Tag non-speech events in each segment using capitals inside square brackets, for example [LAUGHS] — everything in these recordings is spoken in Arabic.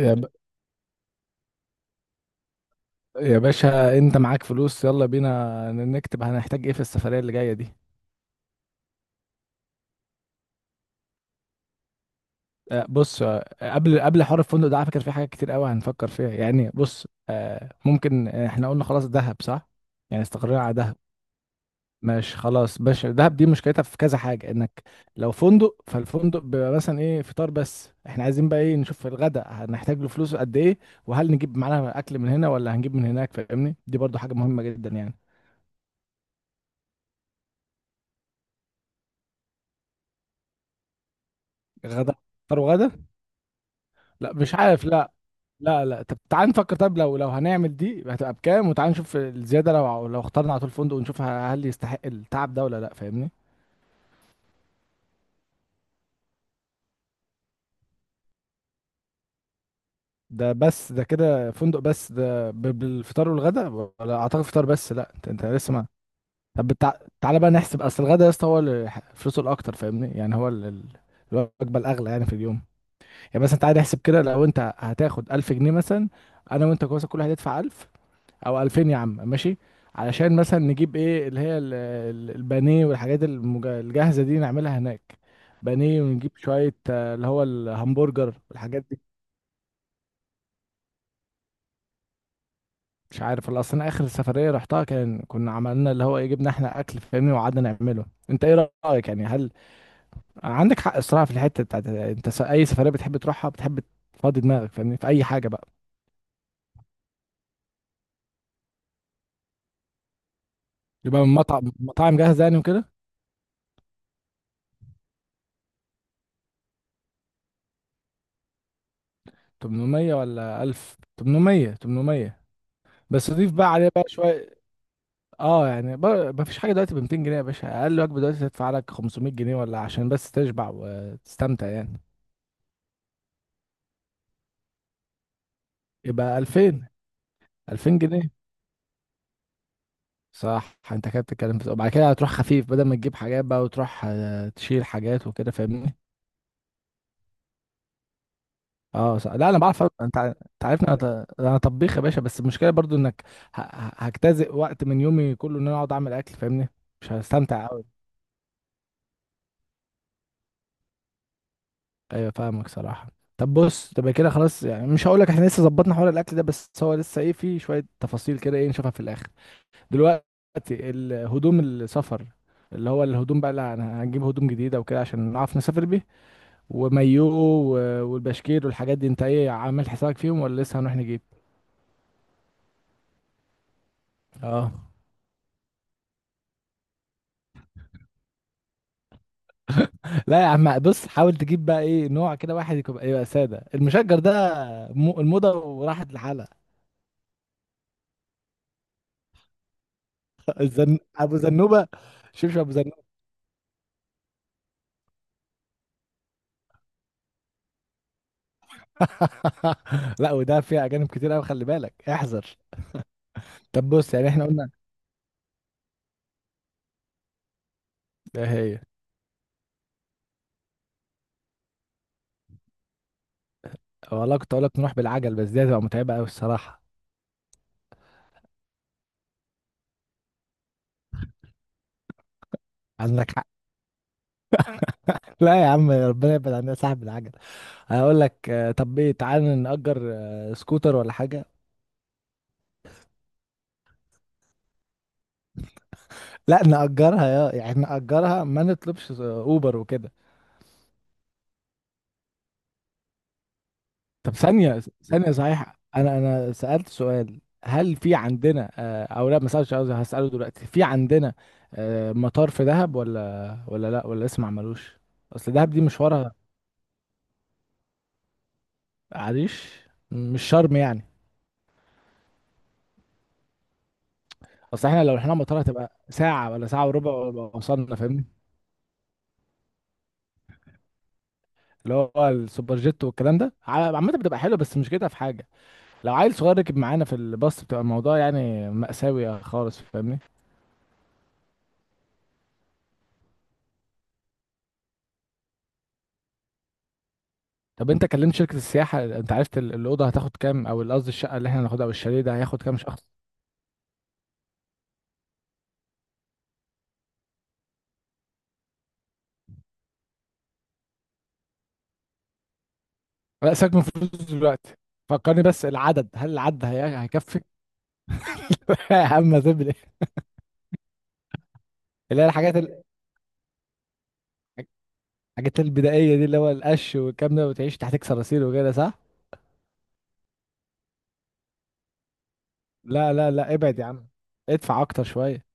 يا ب... يا باشا، انت معاك فلوس؟ يلا بينا نكتب. هنحتاج ايه في السفرية اللي جاية دي؟ بص قبل حوار الفندق ده، على فكرة في حاجات كتير قوي هنفكر فيها، يعني بص ممكن احنا قلنا خلاص دهب، صح؟ يعني استقرينا على دهب. ماشي خلاص باشا، دهب دي مشكلتها في كذا حاجة، انك لو فندق، فالفندق بيبقى مثلا ايه، فطار بس. احنا عايزين بقى ايه، نشوف الغداء. هنحتاج له فلوس قد ايه؟ وهل نجيب معانا اكل من هنا ولا هنجيب من هناك؟ فاهمني، دي برضو حاجة مهمة جدا يعني. غدا. فطار وغدا. لا مش عارف، لا. لا لا. طب تعال نفكر. طب لو هنعمل دي هتبقى بكام، وتعال نشوف الزيادة. لو اخترنا على طول فندق، ونشوف هل يستحق التعب ده ولا لا، فاهمني. ده بس، ده كده فندق بس، ده ب- بالفطار والغدا، ولا اعتقد فطار بس. لا انت لسه ما... طب بتع... تعالى بقى نحسب. اصل الغدا يا اسطى هو اللي ح- فلوسه الاكتر، فاهمني، يعني هو ال- ال- الوجبة الاغلى يعني في اليوم. يعني مثلا تعالى نحسب كده، لو انت هتاخد 1000 جنيه مثلا. انا وانت كويس، كل واحد يدفع 1000 او 2000 يا عم ماشي. علشان مثلا نجيب ايه، اللي هي ال- ال- البانيه والحاجات المج- الجاهزه دي نعملها هناك. بانيه، ونجيب شويه اللي هو الهمبرجر والحاجات دي. مش عارف، الا اصلا اخر سفريه رحتها كان كنا عملنا اللي هو ايه، جبنا احنا اكل فاهمني وقعدنا نعمله. انت ايه رايك يعني؟ هل عندك حق الصراحه في الحته بتاعت، انت س- اي سفريه بتحب تروحها، بتحب تفضي دماغك فاهمني في اي حاجه بقى. يبقى من مطعم، مطاعم جاهزه يعني وكده. 800 ولا 1000؟ 800. 800. بس ضيف بقى عليه بقى شويه. اه يعني ب- مفيش حاجه دلوقتي ب 200 جنيه يا باشا. اقل وجبه دلوقتي تدفع لك 500 جنيه، ولا عشان بس تشبع وتستمتع يعني. يبقى 2000. 2000 جنيه. صح، انت كده بتتكلم في، وبعد كده هتروح خفيف بدل ما تجيب حاجات بقى، وتروح تشيل حاجات وكده فاهمني. اه صح. لا انا بعرف أط- انت ع- انت عارفني، انا ط- أنا طبيخ يا باشا، بس المشكله برضو انك ه- ه- هجتزئ وقت من يومي كله، ان انا اقعد اعمل اكل فاهمني. مش هستمتع قوي. ايوه فاهمك صراحه. طب بص، تبقى كده خلاص يعني. مش هقول لك احنا لسه ظبطنا حوار الاكل ده، بس هو لسه ايه، في شويه تفاصيل كده ايه نشوفها في الاخر دلوقتي. الهدوم، السفر، اللي هو الهدوم بقى، اللي هن- هنجيب هدوم جديده وكده عشان نعرف نسافر بيه، ومايو و- والبشكير والحاجات دي، انت ايه عامل حسابك فيهم ولا لسه هنروح نجيب؟ اه. لا يا عم بص، حاول تجيب بقى ايه، نوع كده واحد يكون يبقى ساده. المشجر ده م- الموضه وراحت لحالها. [LAUGHS] الزن... ابو زنوبه. شبشب ابو زنوبه. [LAUGHS] لا، وده فيها اجانب كتير قوي، خلي بالك احذر. طب بص، يعني احنا قلنا، ده هي. والله كنت اقول لك نروح بالعجل، بس دي هتبقى متعبه قوي الصراحه. عندك حق. [LAUGHS] لا يا عم، ربنا يبعد عننا صاحب العجل. هقول لك طب ايه، تعالى نأجر سكوتر ولا حاجه. لا نأجرها، يا يعني نأجرها، ما نطلبش اوبر وكده. طب ثانية ثانية، صحيح أنا سألت سؤال. هل في عندنا أو لا ما سألتش، قصدي هسأله دلوقتي. في عندنا مطار في دهب ولا لا ولا لسه ما عملوش؟ أصل دهب دي مشوارها. عريش. مش شرم يعني؟ أصل إحنا لو رحنا مطار هتبقى ساعة ولا ساعة وربع ولا وصلنا، فاهمني. اللي هو السوبر جيت والكلام ده ع- عامة بتبقى حلوة، بس مش كده، في حاجة لو عيل صغير ركب معانا في الباص بتبقى الموضوع يعني مأساوي خالص فاهمني. طب انت كلمت شركة السياحة، انت عرفت ال- الأوضة هتاخد كام، او ال- قصدي الشقة اللي احنا هناخدها او الشاليه ده هياخد كام شخص؟ لا سيبك من الفلوس دلوقتي. فكرني بس العدد، هل العدد هي... هيكفي؟ [LAUGHS] اما تبلي. اللي هي الحاجات ال... الحاجات البدائية دي، اللي هو القش والكلام ده، وتعيش تحتك صراصير وكده، صح؟ لا لا لا ابعد يا عم. ادفع اكتر شوية.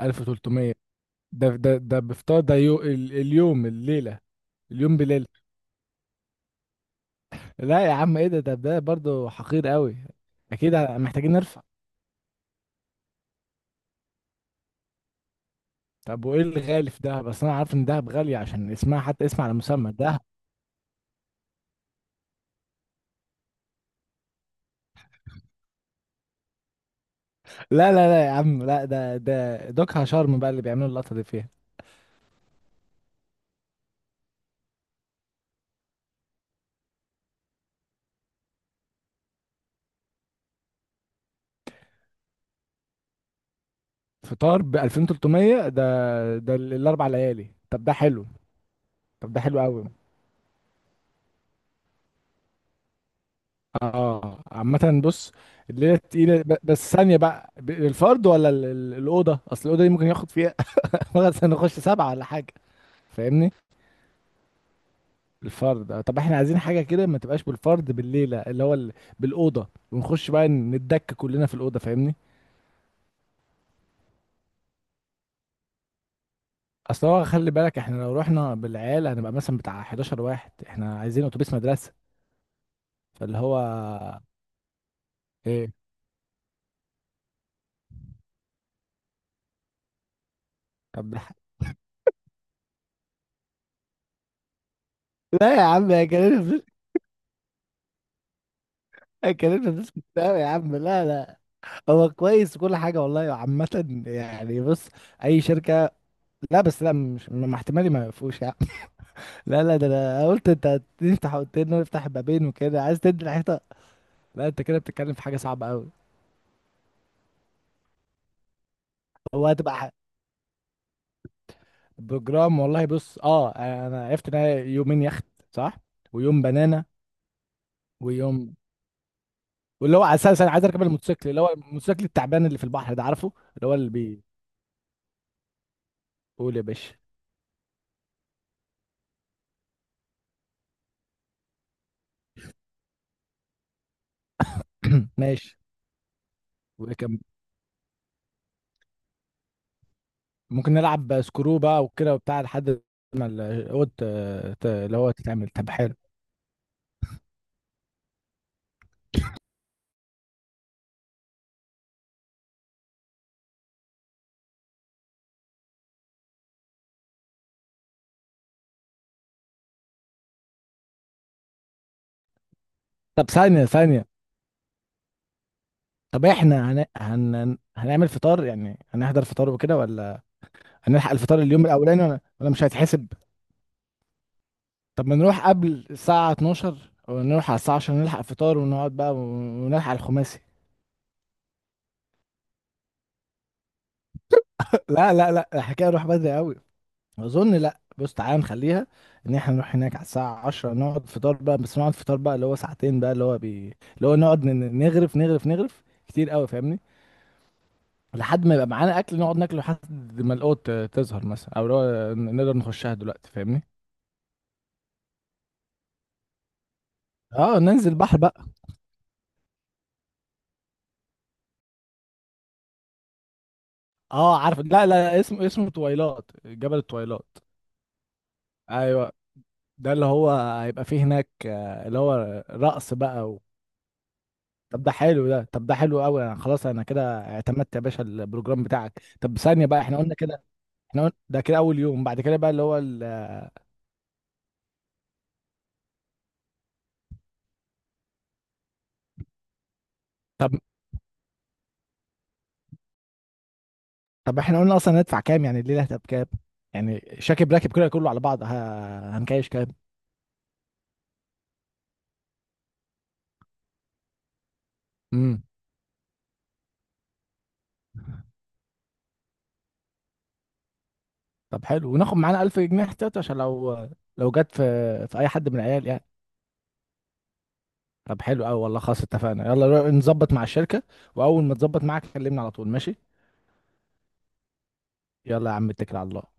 1300؟ ده بفطار؟ ده يو... ال- اليوم الليلة؟ اليوم بليلة. لا يا عم ايه ده، ده برضه حقير قوي. اكيد محتاجين نرفع. طب وايه الغالي في دهب؟ اصل انا عارف ان دهب غالية عشان اسمها، حتى اسم على مسمى دهب. لا لا لا يا عم لا، ده دوكها شرم بقى اللي بيعملوا اللقطة دي فيها. فطار ب 2300 ده؟ ده ال- الاربع ليالي؟ طب ده حلو. طب ده حلو قوي. اه عامة بص. الليلة تقيلة ب- بس ثانية بقى، ب- الفرد ولا ال- ال- الأوضة؟ أصل الأوضة دي ممكن ياخد فيها [LAUGHS] مثلا نخش سبعة ولا حاجة فاهمني. الفرد طب احنا عايزين حاجة كده ما تبقاش بالفرد بالليلة، اللي هو ال- بالأوضة، ونخش بقى نتدك كلنا في الأوضة فاهمني. اصل هو خلي بالك، احنا لو رحنا بالعيال هنبقى مثلا بتاع 11 واحد. احنا عايزين اتوبيس مدرسه، فاللي هو ايه. طب ده- لا يا عم هيكلفنا فلوس، هيكلفنا فلوس كتير قوي يا عم لا لا. هو كويس وكل حاجه والله عامه، يعني بص، اي شركه. لا، بس لا مش مع احتمالي ما يقفوش يا عم. [LAUGHS] لا لا، ده انا قلت انت تفتح، قلت انه يفتح بابين وكده، عايز تدي الحيطه؟ لا انت كده بتتكلم في حاجه صعبه قوي. هو هتبقى بروجرام والله، بص اه، انا عرفت ان هي يومين يخت، صح؟ ويوم بنانا. ويوم، واللي هو اساسا انا عايز اركب الموتوسيكل، اللي هو الموتوسيكل التعبان اللي في البحر ده، عارفه اللي هو اللي بيقول. يا باشا. [CLEARS THROAT] ماشي. وكم. ممكن نلعب سكرو بقى وكده وبتاع لحد ما الاوض... اللي هو تتعمل، طب حلو. طب ثانية ثانية، طب احنا هن... هن... هنعمل فطار يعني، هنحضر فطار وكده ولا؟ هنلحق الفطار اليوم الاولاني ولا مش هيتحسب؟ طب ما نروح قبل الساعة 12، ونروح على الساعة عشان نلحق فطار، ونقعد بقى ون- ونلحق الخماسي. [LAUGHS] لا لا لا، الحكاية نروح بدري قوي. أظن لا بص، تعالى نخليها إن إحنا نروح هناك على الساعة 10، نقعد فطار بقى، بس نقعد فطار بقى اللي هو ساعتين بقى اللي هو بي... اللي هو نقعد ن- نغرف نغرف نغرف كتير قوي فاهمني، لحد ما يبقى معانا أكل نقعد ناكله لحد ما القوت تظهر مثلا، أو اللي هو ن- نقدر نخشها دلوقتي فاهمني. اه ننزل بحر بقى. اه عارف، لا لا لا، اسمه تويلات، جبل التويلات. ايوه. ده اللي هو هيبقى فيه هناك اللي هو رقص بقى و... طب ده حلو ده، طب ده حلو قوي، انا خلاص انا كده اعتمدت يا باشا البروجرام بتاعك. طب ثانية بقى، احنا قلنا كده. احنا قلنا ده كده اول يوم، بعد كده بقى اللي هو ال... طب. طب احنا قلنا اصلا هندفع كام يعني؟ الليلة هتبقى كام يعني؟ شاكب راكب كده كله على بعض، ه... هنكايش كام؟ امم. طب حلو، وناخد معانا 1000 جنيه احتياطي عشان لو جت في اي حد من العيال يعني. طب حلو قوي والله. خلاص اتفقنا، يلا نروح نظبط مع الشركة، واول ما تظبط معاك كلمني على طول، ماشي. يلا يا عم، اتكل على الله.